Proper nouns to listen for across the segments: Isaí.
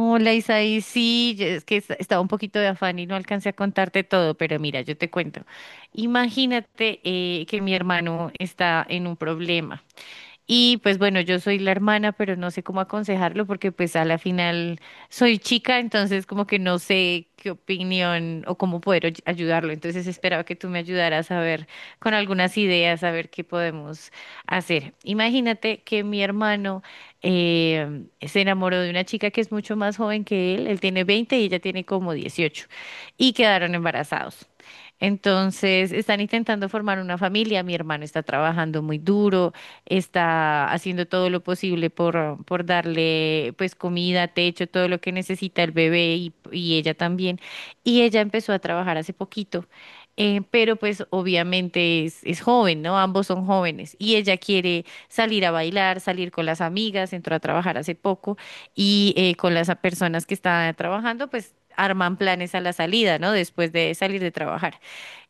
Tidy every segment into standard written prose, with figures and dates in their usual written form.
Hola Isaí, sí, es que estaba un poquito de afán y no alcancé a contarte todo, pero mira, yo te cuento. Imagínate que mi hermano está en un problema. Y pues bueno, yo soy la hermana, pero no sé cómo aconsejarlo porque pues a la final soy chica, entonces como que no sé qué opinión o cómo poder ayudarlo. Entonces esperaba que tú me ayudaras a ver con algunas ideas, a ver qué podemos hacer. Imagínate que mi hermano se enamoró de una chica que es mucho más joven que él. Él tiene 20 y ella tiene como 18 y quedaron embarazados. Entonces están intentando formar una familia. Mi hermano está trabajando muy duro, está haciendo todo lo posible por darle pues comida, techo, todo lo que necesita el bebé y ella también. Y ella empezó a trabajar hace poquito. Pero pues obviamente es joven, ¿no? Ambos son jóvenes y ella quiere salir a bailar, salir con las amigas, entró a trabajar hace poco y con las personas que están trabajando, pues arman planes a la salida, ¿no? Después de salir de trabajar.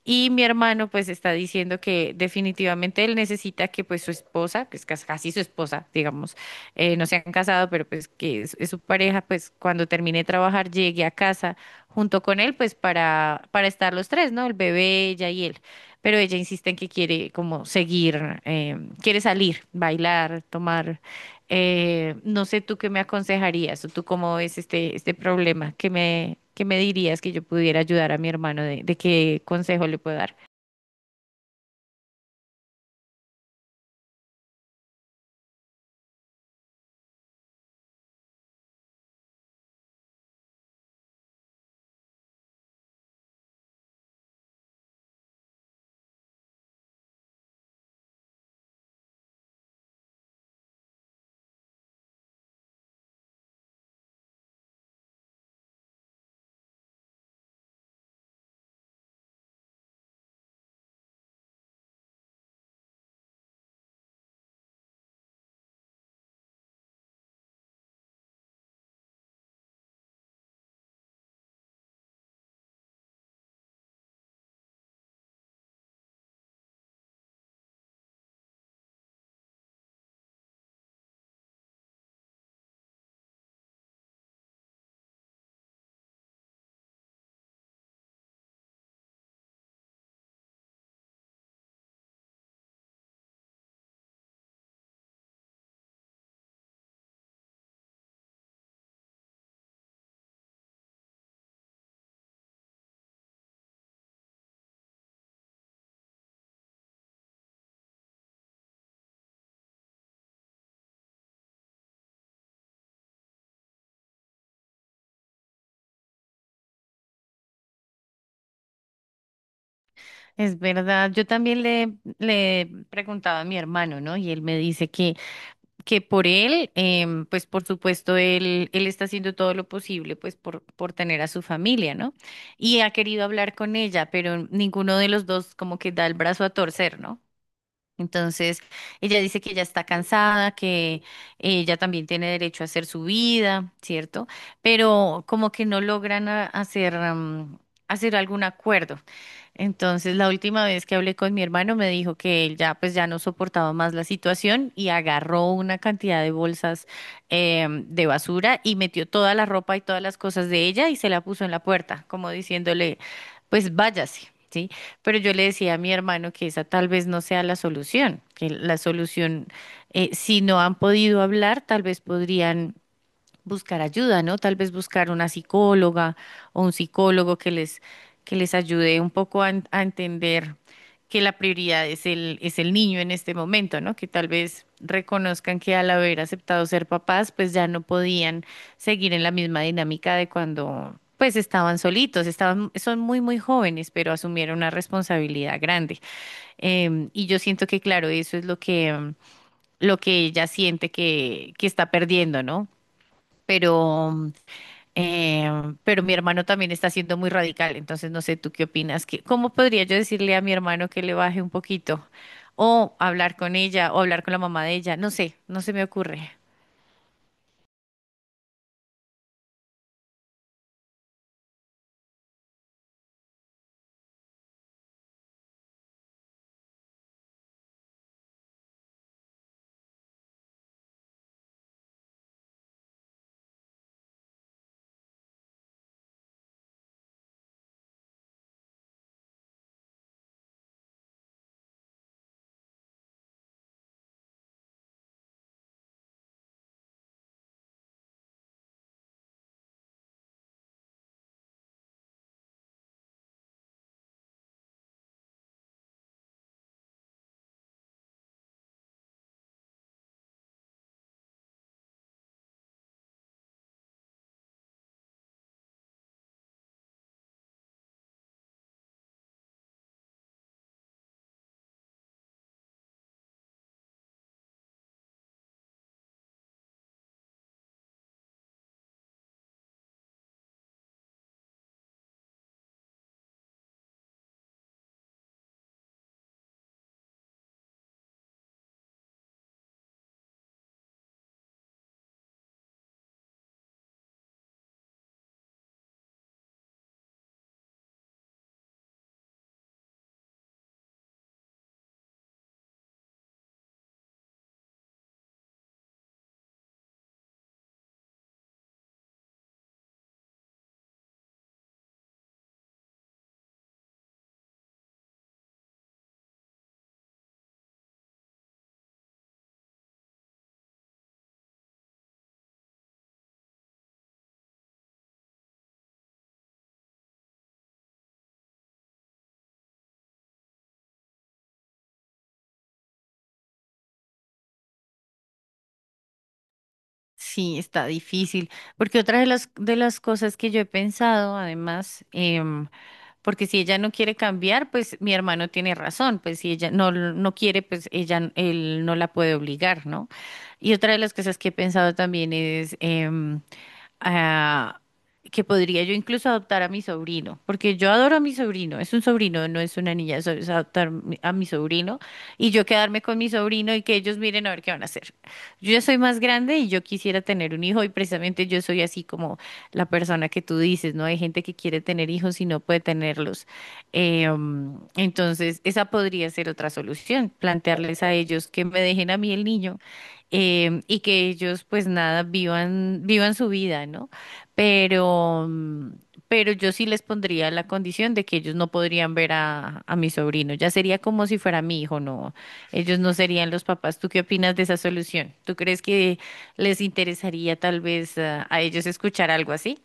Y mi hermano pues está diciendo que definitivamente él necesita que pues su esposa, que es casi su esposa, digamos, no se han casado, pero pues que es su pareja, pues cuando termine de trabajar llegue a casa junto con él pues para estar los tres, ¿no? El bebé, ella y él. Pero ella insiste en que quiere como seguir, quiere salir, bailar, tomar. No sé tú qué me aconsejarías o tú cómo ves este problema. Qué me dirías que yo pudiera ayudar a mi hermano? De qué consejo le puedo dar? Es verdad, yo también le preguntaba a mi hermano, ¿no? Y él me dice que por él, pues por supuesto, él está haciendo todo lo posible, pues por tener a su familia, ¿no? Y ha querido hablar con ella, pero ninguno de los dos como que da el brazo a torcer, ¿no? Entonces, ella dice que ella está cansada, que ella también tiene derecho a hacer su vida, ¿cierto? Pero como que no logran hacer, hacer algún acuerdo. Entonces, la última vez que hablé con mi hermano me dijo que él ya pues ya no soportaba más la situación y agarró una cantidad de bolsas de basura y metió toda la ropa y todas las cosas de ella y se la puso en la puerta, como diciéndole, pues váyase, ¿sí? Pero yo le decía a mi hermano que esa tal vez no sea la solución, que la solución, si no han podido hablar, tal vez podrían buscar ayuda, ¿no? Tal vez buscar una psicóloga o un psicólogo que que les ayude un poco a, a entender que la prioridad es es el niño en este momento, ¿no? Que tal vez reconozcan que al haber aceptado ser papás, pues ya no podían seguir en la misma dinámica de cuando, pues estaban solitos, estaban, son muy, muy jóvenes, pero asumieron una responsabilidad grande. Y yo siento que, claro, eso es lo lo que ella siente que está perdiendo, ¿no? Pero eh, pero mi hermano también está siendo muy radical, entonces no sé tú qué opinas, que, ¿cómo podría yo decirle a mi hermano que le baje un poquito? O hablar con ella, o hablar con la mamá de ella, no sé, no se me ocurre. Sí, está difícil, porque otra de de las cosas que yo he pensado, además, porque si ella no quiere cambiar, pues mi hermano tiene razón, pues si ella no quiere, pues ella, él no la puede obligar, ¿no? Y otra de las cosas que he pensado también es... ah, que podría yo incluso adoptar a mi sobrino, porque yo adoro a mi sobrino, es un sobrino, no es una niña, eso es adoptar a mi sobrino y yo quedarme con mi sobrino y que ellos miren a ver qué van a hacer. Yo ya soy más grande y yo quisiera tener un hijo y precisamente yo soy así como la persona que tú dices, ¿no? Hay gente que quiere tener hijos y no puede tenerlos. Entonces, esa podría ser otra solución, plantearles a ellos que me dejen a mí el niño, y que ellos, pues nada, vivan, vivan su vida, ¿no? Pero, pero yo sí les pondría la condición de que ellos no podrían ver a mi sobrino. Ya sería como si fuera mi hijo, no, ellos no serían los papás. ¿Tú qué opinas de esa solución? ¿Tú crees que les interesaría tal vez a ellos escuchar algo así?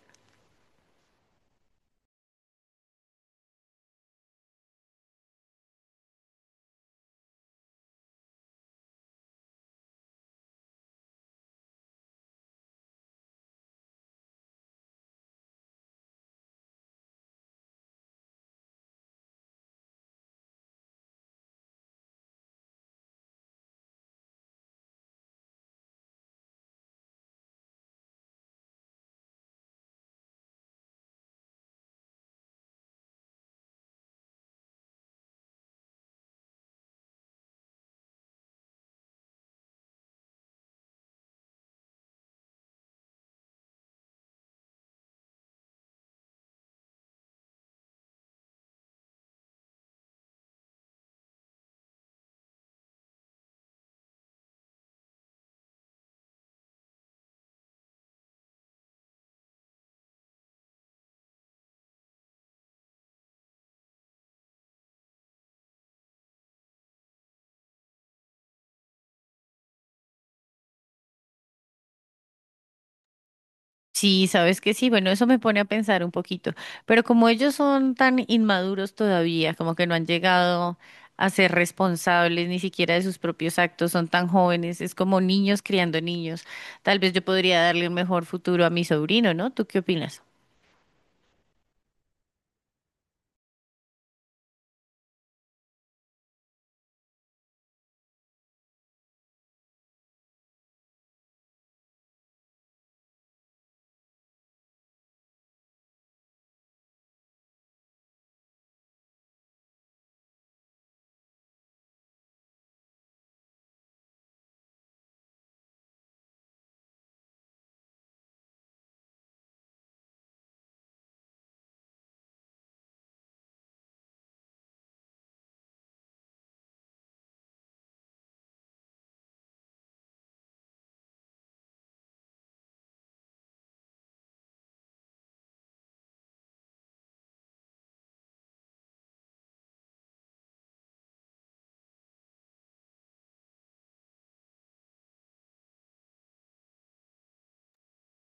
Sí, sabes que sí, bueno, eso me pone a pensar un poquito, pero como ellos son tan inmaduros todavía, como que no han llegado a ser responsables ni siquiera de sus propios actos, son tan jóvenes, es como niños criando niños. Tal vez yo podría darle un mejor futuro a mi sobrino, ¿no? ¿Tú qué opinas?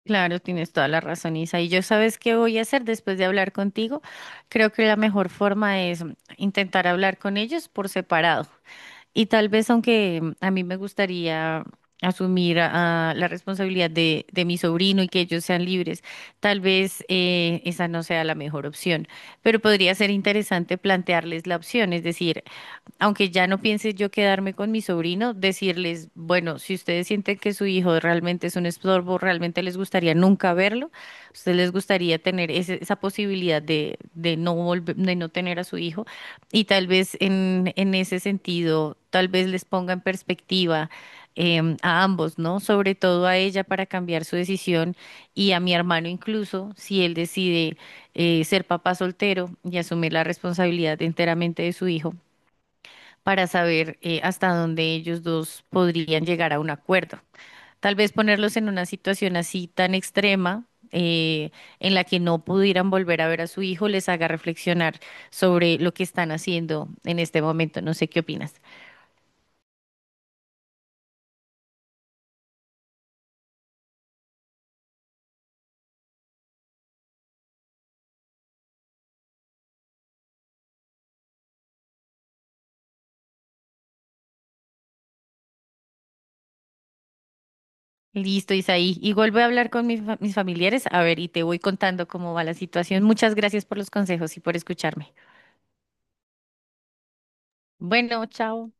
Claro, tienes toda la razón, Isa. Y yo sabes qué voy a hacer después de hablar contigo. Creo que la mejor forma es intentar hablar con ellos por separado. Y tal vez, aunque a mí me gustaría asumir la responsabilidad de mi sobrino y que ellos sean libres, tal vez esa no sea la mejor opción, pero podría ser interesante plantearles la opción, es decir, aunque ya no piense yo quedarme con mi sobrino, decirles, bueno, si ustedes sienten que su hijo realmente es un estorbo, realmente les gustaría nunca verlo, ustedes les gustaría tener esa posibilidad de no volver, de no tener a su hijo, y tal vez en ese sentido, tal vez les ponga en perspectiva. A ambos, ¿no? Sobre todo a ella para cambiar su decisión y a mi hermano incluso, si él decide ser papá soltero y asumir la responsabilidad enteramente de su hijo para saber hasta dónde ellos dos podrían llegar a un acuerdo. Tal vez ponerlos en una situación así tan extrema, en la que no pudieran volver a ver a su hijo, les haga reflexionar sobre lo que están haciendo en este momento. No sé qué opinas. Listo, Isaí. Igual voy a hablar con mis, mis familiares, a ver, y te voy contando cómo va la situación. Muchas gracias por los consejos y por escucharme. Bueno, chao.